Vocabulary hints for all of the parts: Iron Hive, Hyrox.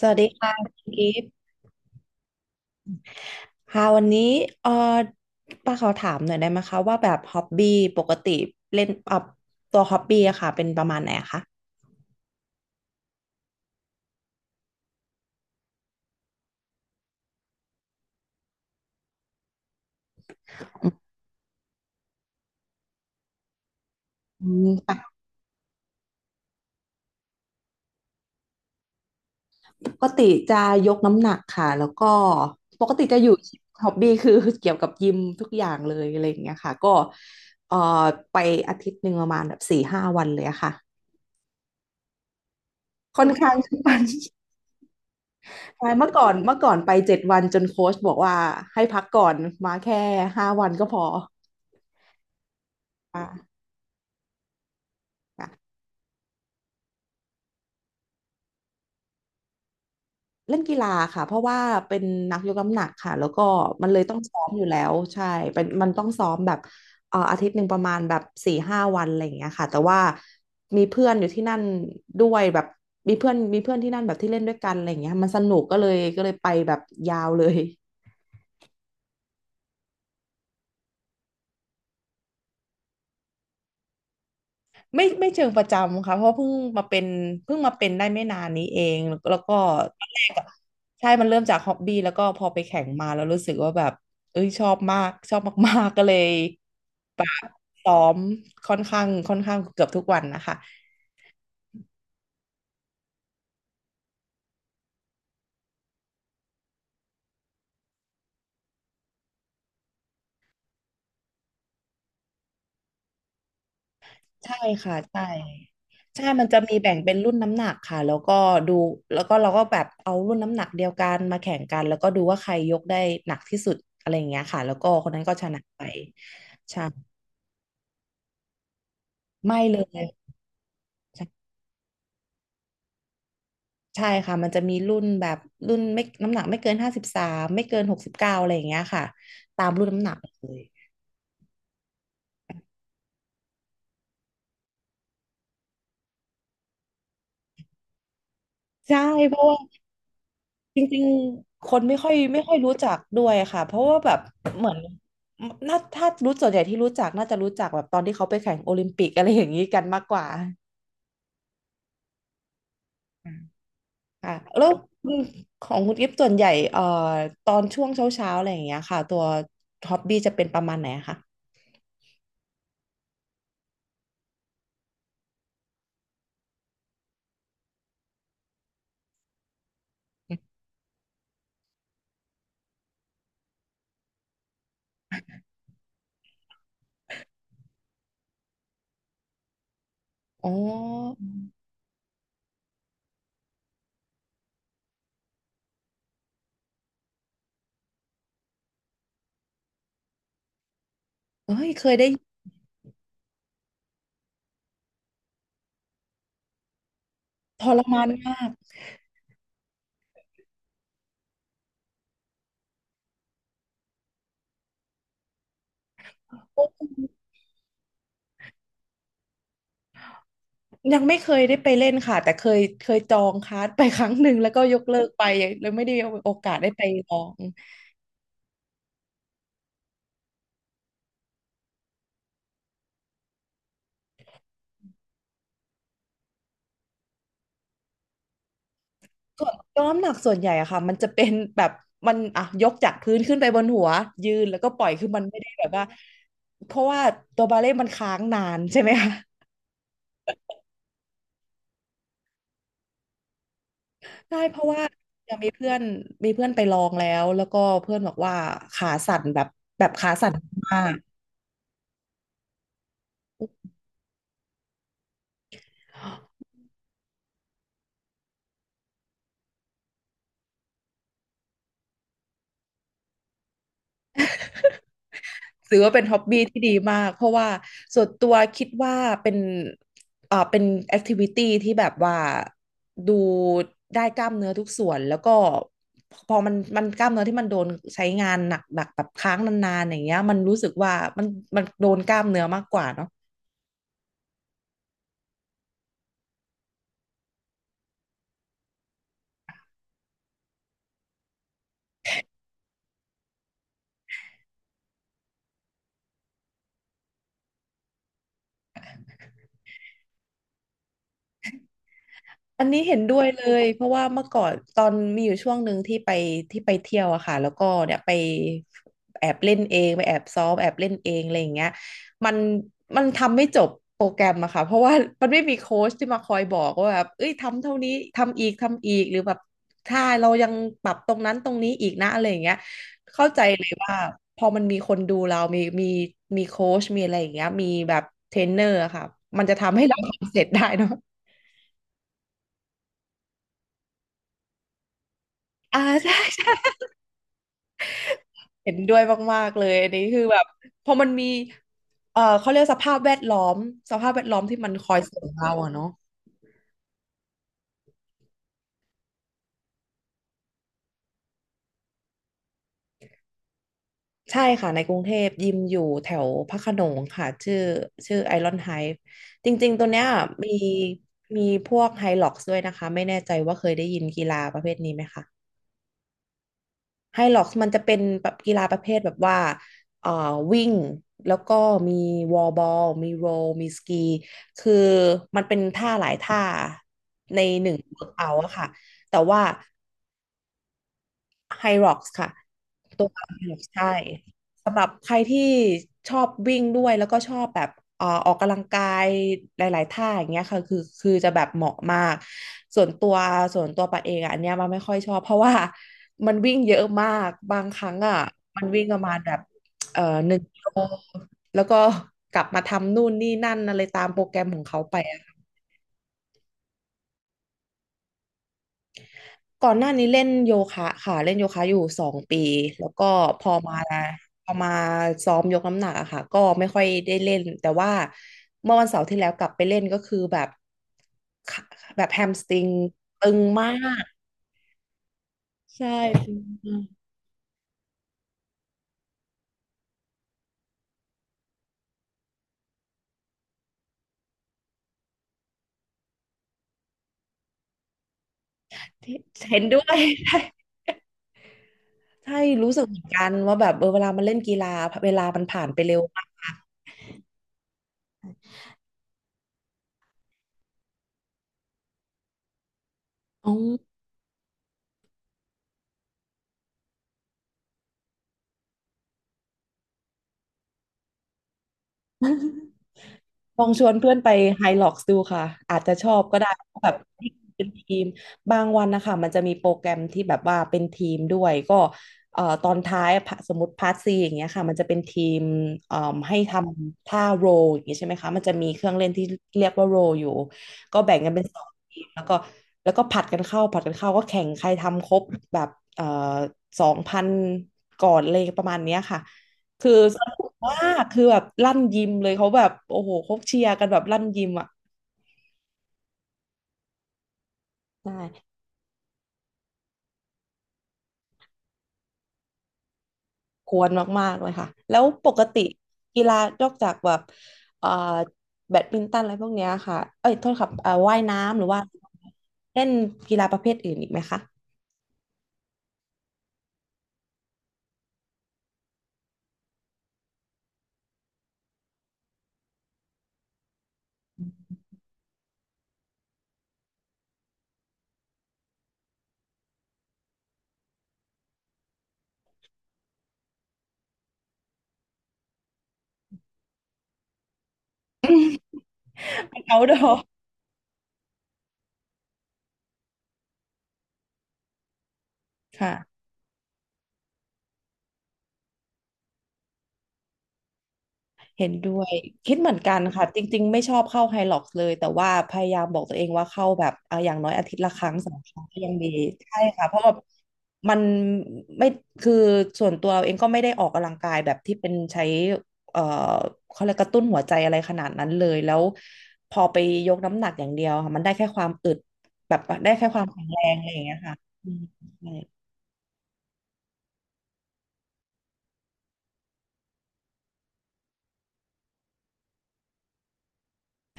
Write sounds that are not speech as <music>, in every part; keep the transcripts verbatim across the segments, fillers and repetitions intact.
สวัสดีค่ะคุณกิฟต์ค่ะวันนี้เออป้าขอถามหน่อยได้ไหมคะว่าแบบฮอบบี้ปกติเล่นเอ่อตัวฮอบบี้อะค่ะเป็นประมาณไหนอะคะอืมปกติจะยกน้ำหนักค่ะแล้วก็ปกติจะอยู่ฮอบบี้คือเกี่ยวกับยิมทุกอย่างเลยอะไรอย่างเงี้ยค่ะก็เอ่อไปอาทิตย์หนึ่งประมาณแบบสี่ห้าวันเลยอะค่ะค่อนข้างทุกวัน <laughs> ใช่เมื่อก่อนเมื่อก่อนไปเจ็ดวันจนโค้ชบอกว่าให้พักก่อนมาแค่ห้าวันก็พอค่ะ เล่นกีฬาค่ะเพราะว่าเป็นนักยกน้ำหนักค่ะแล้วก็มันเลยต้องซ้อมอยู่แล้วใช่เป็นมันต้องซ้อมแบบเอ่ออาทิตย์หนึ่งประมาณแบบสี่ห้าวันอะไรอย่างเงี้ยค่ะแต่ว่ามีเพื่อนอยู่ที่นั่นด้วยแบบมีเพื่อนมีเพื่อนที่นั่นแบบที่เล่นด้วยกันอะไรอย่างเงี้ยมันสนุกก็เลยก็เลยไปแบบยาวเลย ไม่ไม่เชิงประจำค่ะเพราะเพิ่งมาเป็นเพิ่งมาเป็นได้ไม่นานนี้เองแล้วแล้วก็ตอนแรกอะใช่มันเริ่มจากฮ็อบบี้แล้วก็พอไปแข่งมาแล้วรู้สึกว่าแบบเอ้ยชอบมากชอบมากๆก็เลยแบบซ้อมค่อนข้างค่อนข้างเกือบทุกวันนะคะใช่ค่ะใช่ใช่มันจะมีแบ่งเป็นรุ่นน้ำหนักค่ะแล้วก็ดูแล้วก็เราก็แบบเอารุ่นน้ำหนักเดียวกันมาแข่งกันแล้วก็ดูว่าใครยกได้หนักที่สุดอะไรอย่างเงี้ยค่ะแล้วก็คนนั้นก็ชนะไปใช่ไม่เลย ใช่ค่ะมันจะมีรุ่นแบบรุ่นไม่น้ำหนักไม่เกินห้าสิบสามไม่เกินหกสิบเก้าอะไรอย่างเงี้ยค่ะตามรุ่นน้ำหนักเลยใช่เพราะว่าจริงๆคนไม่ค่อยไม่ค่อยรู้จักด้วยค่ะเพราะว่าแบบเหมือนน่าถ้ารู้ส่วนใหญ่ที่รู้จักน่าจะรู้จักแบบตอนที่เขาไปแข่งโอลิมปิกอะไรอย่างนี้กันมากกว่าอืมค่ะแล้วคุณของคุณกิฟส่วนใหญ่เอ่อตอนช่วงเช้าเช้าอะไรอย่างเงี้ยค่ะตัวฮ็อบบี้จะเป็นประมาณไหนอะคะอ๋อเฮ้ยเคยได้ทรมานมากโอ้ ยังไม่เคยได้ไปเล่นค่ะแต่เคยเคยจองคลาส <laughs> ไปครั้งหนึ่งแล้วก็ยกเลิกไปเลยไม่ได้มีโอกาสได้ไปลองส่วนยกน้ำหนักส่วนใหญ่อะค่ะมันจะเป็นแบบมันอ่ะยกจากพื้นขึ้นไปบนหัวยืนแล้วก็ปล่อยคือมันไม่ได้แบบว่าเพราะว่าตัวบาเล่ต์มันค้างนานใช่ไหมคะใช่เพราะว่ายังมีเพื่อนมีเพื่อนไปลองแล้วแล้วก็เพื่อนบอกว่าขาสั่นแบบมาก ถือว่าเป็นฮ็อบบี้ที่ดีมากเพราะว่าส่วนตัวคิดว่าเป็นเอ่อเป็นแอคทิวิตี้ที่แบบว่าดูได้กล้ามเนื้อทุกส่วนแล้วก็พอมันมันกล้ามเนื้อที่มันโดนใช้งานหนักๆแบบค้างนานๆอย่างเงี้ยมันรู้สึกว่ามันมันโดนกล้ามเนื้อมากกว่าเนาะ อันนี้เห็นด้วยเลยเพราะว่าเมื่อก่อนตอนมีอยู่ช่วงหนึ่งที่ไปที่ไปเที่ยวอะค่ะแล้วก็เนี่ยไปแอบเล่นเองไปแอบซ้อมแอบเล่นเองอะไรอย่างเงี้ยมันมันทำไม่จบโปรแกรมอะค่ะเพราะว่ามันไม่มีโค้ชที่มาคอยบอกว่าแบบเอ้ยทำเท่านี้ทำอีกทำอีกหรือแบบถ้าเรายังปรับตรงนั้นตรงนี้อีกนะอะไรอย่างเงี้ยเข้าใจเลยว่าพอมันมีคนดูเรามีมีมีโค้ชมีอะไรอย่างเงี้ยมีแบบเทรนเนอร์อะค่ะมันจะทำให้เราทำเสร็จได้เนาะอ่าใช่ เห็นด้วยมากๆเลยอันนี้คือแบบพอมันมีเอ่อเขาเรียกสภาพแวดล้อมสภาพแวดล้อมที่มันคอยส่งเราอะเนาะใช่ค่ะในกรุงเทพยิมอยู่แถวพระโขนงค่ะชื่อชื่อไอรอนไฮฟ์จริงๆตัวเนี้ยมีมีพวกไฮล็อกซ์ด้วยนะคะไม่แน่ใจว่าเคยได้ยินกีฬาประเภทนี้ไหมคะ ไฮล็อกซ์มันจะเป็นแบบกีฬาประเภทแบบว่าเอ่อวิ่ง แล้วก็มีวอลบอลมีโรลมีสกี คือมันเป็นท่าหลายท่าในหนึ่งเวิร์กเอาท์อะค่ะ แต่ว่า ไฮรอกซ์ ค่ะตัว ไฮรอกซ์ ใช่สำหรับใครที่ชอบวิ่งด้วยแล้วก็ชอบแบบเอ่อออกกำลังกายหลายๆท่าอย่างเงี้ยค่ะคือคือจะแบบเหมาะมากส่วนตัวส่วนตัวปัดเองอะอันเนี้ยมันไม่ค่อยชอบเพราะว่ามันวิ่งเยอะมากบางครั้งอ่ะมันวิ่งประมาณแบบเอ่อหนึ่งกิโลแล้วก็กลับมาทำนู่นนี่นั่นอะไรตามโปรแกรมของเขาไปอะ ก่อนหน้านี้เล่นโยคะค่ะเล่นโยคะอยู่สองปีแล้วก็พอมาพอมาซ้อมยกน้ำหนักอะค่ะก็ไม่ค่อยได้เล่นแต่ว่าเมื่อวันเสาร์ที่แล้วกลับไปเล่นก็คือแบบขาแบบแฮมสตริงตึงมากใช่ตึงมากที่เห็นด้วย <laughs> ใช่รู้สึกเหมือนกันว่าแบบเออเวลามันเล่นกีฬาเวลามันผ่านไปเร็วมากอ๋อ ลองชวนเพื่อนไปไฮล็อกซ์ดูค่ะอาจจะชอบก็ได้เพราะแบบเป็นทีมบางวันนะคะมันจะมีโปรแกรมที่แบบว่าเป็นทีมด้วยก็เอ่อตอนท้ายสมมติพาร์ทซีอย่างเงี้ยค่ะมันจะเป็นทีมเอ่อให้ทำท่าโรลอย่างเงี้ยใช่ไหมคะมันจะมีเครื่องเล่นที่เรียกว่าโรลอยู่ก็แบ่งกันเป็นสองทีมแล้วก็แล้วก็ผัดกันเข้าผัดกันเข้าก็แข่งใครทำครบแบบเอ่อสองพันก่อนเลยประมาณเนี้ยค่ะ คือสนุกมากคือแบบลั่นยิมเลยเขาแบบโอ้โหเขาเชียร์กันแบบลั่นยิมอ่ะใช่ควรมากๆเลยค่ะแล้วปกติกีฬานอกจากแบบเอ่อแบดมินตันอะไรพวกเนี้ยค่ะเอ้ยโทษครับเอ่อว่ายน้ำหรือว่าเล่นกีฬาประเภทอื่นอีกไหมคะเอาท์ดอร์ <laughs> ค่ะ เห็นด้วยคิดเหมือนกันค่ะจริงๆไม่ชอบเข้าไฮล็อกเลยแต่ว่าพยายามบอกตัวเองว่าเข้าแบบอ่ะอย่างน้อยอาทิตย์ละครั้งสองครั้งก็ยังดีใช่ค่ะเพราะแบบมันไม่คือส่วนตัวเองก็ไม่ได้ออกกำลังกายแบบที่เป็นใช้เอ่อเขาเรียกกระตุ้นหัวใจอะไรขนาดนั้นเลยแล้วพอไปยกน้ำหนักอย่างเดียวค่ะมันได้แค่ความอึดแบบได้แค่ความแข็งแรงอะไรอย่างเงี้ยค่ะอืมใช่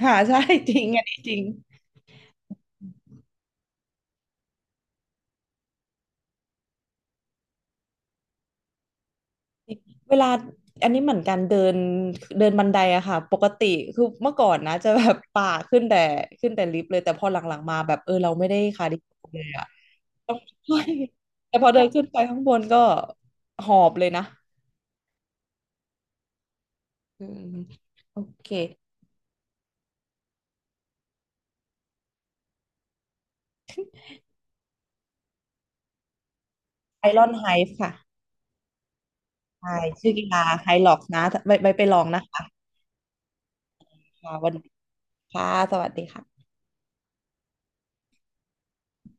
ค่ะใช่ <laughs> จริงอันนี้จริง เวลาอันนี้เหมือนกันเดินเดินบันไดอะค่ะปกติคือเมื่อก่อนนะจะแบบป่าขึ้นแต่ขึ้นแต่ลิฟต์เลยแต่พอหลังๆมาแบบเออเราไม่ได้คาร์ดิโอเลยอะ <laughs> ต้องใช่วยแต่พอเดินขึ้นไปข้างบนก็หอบเลยนะอืมโอเคไอรอนไฮฟ์ค่ะใช่ชื่อกีฬาไฮล็อกนะไปไปไปลองนะคะค่ะวันนี้ค่ะสวัสดีค่ะ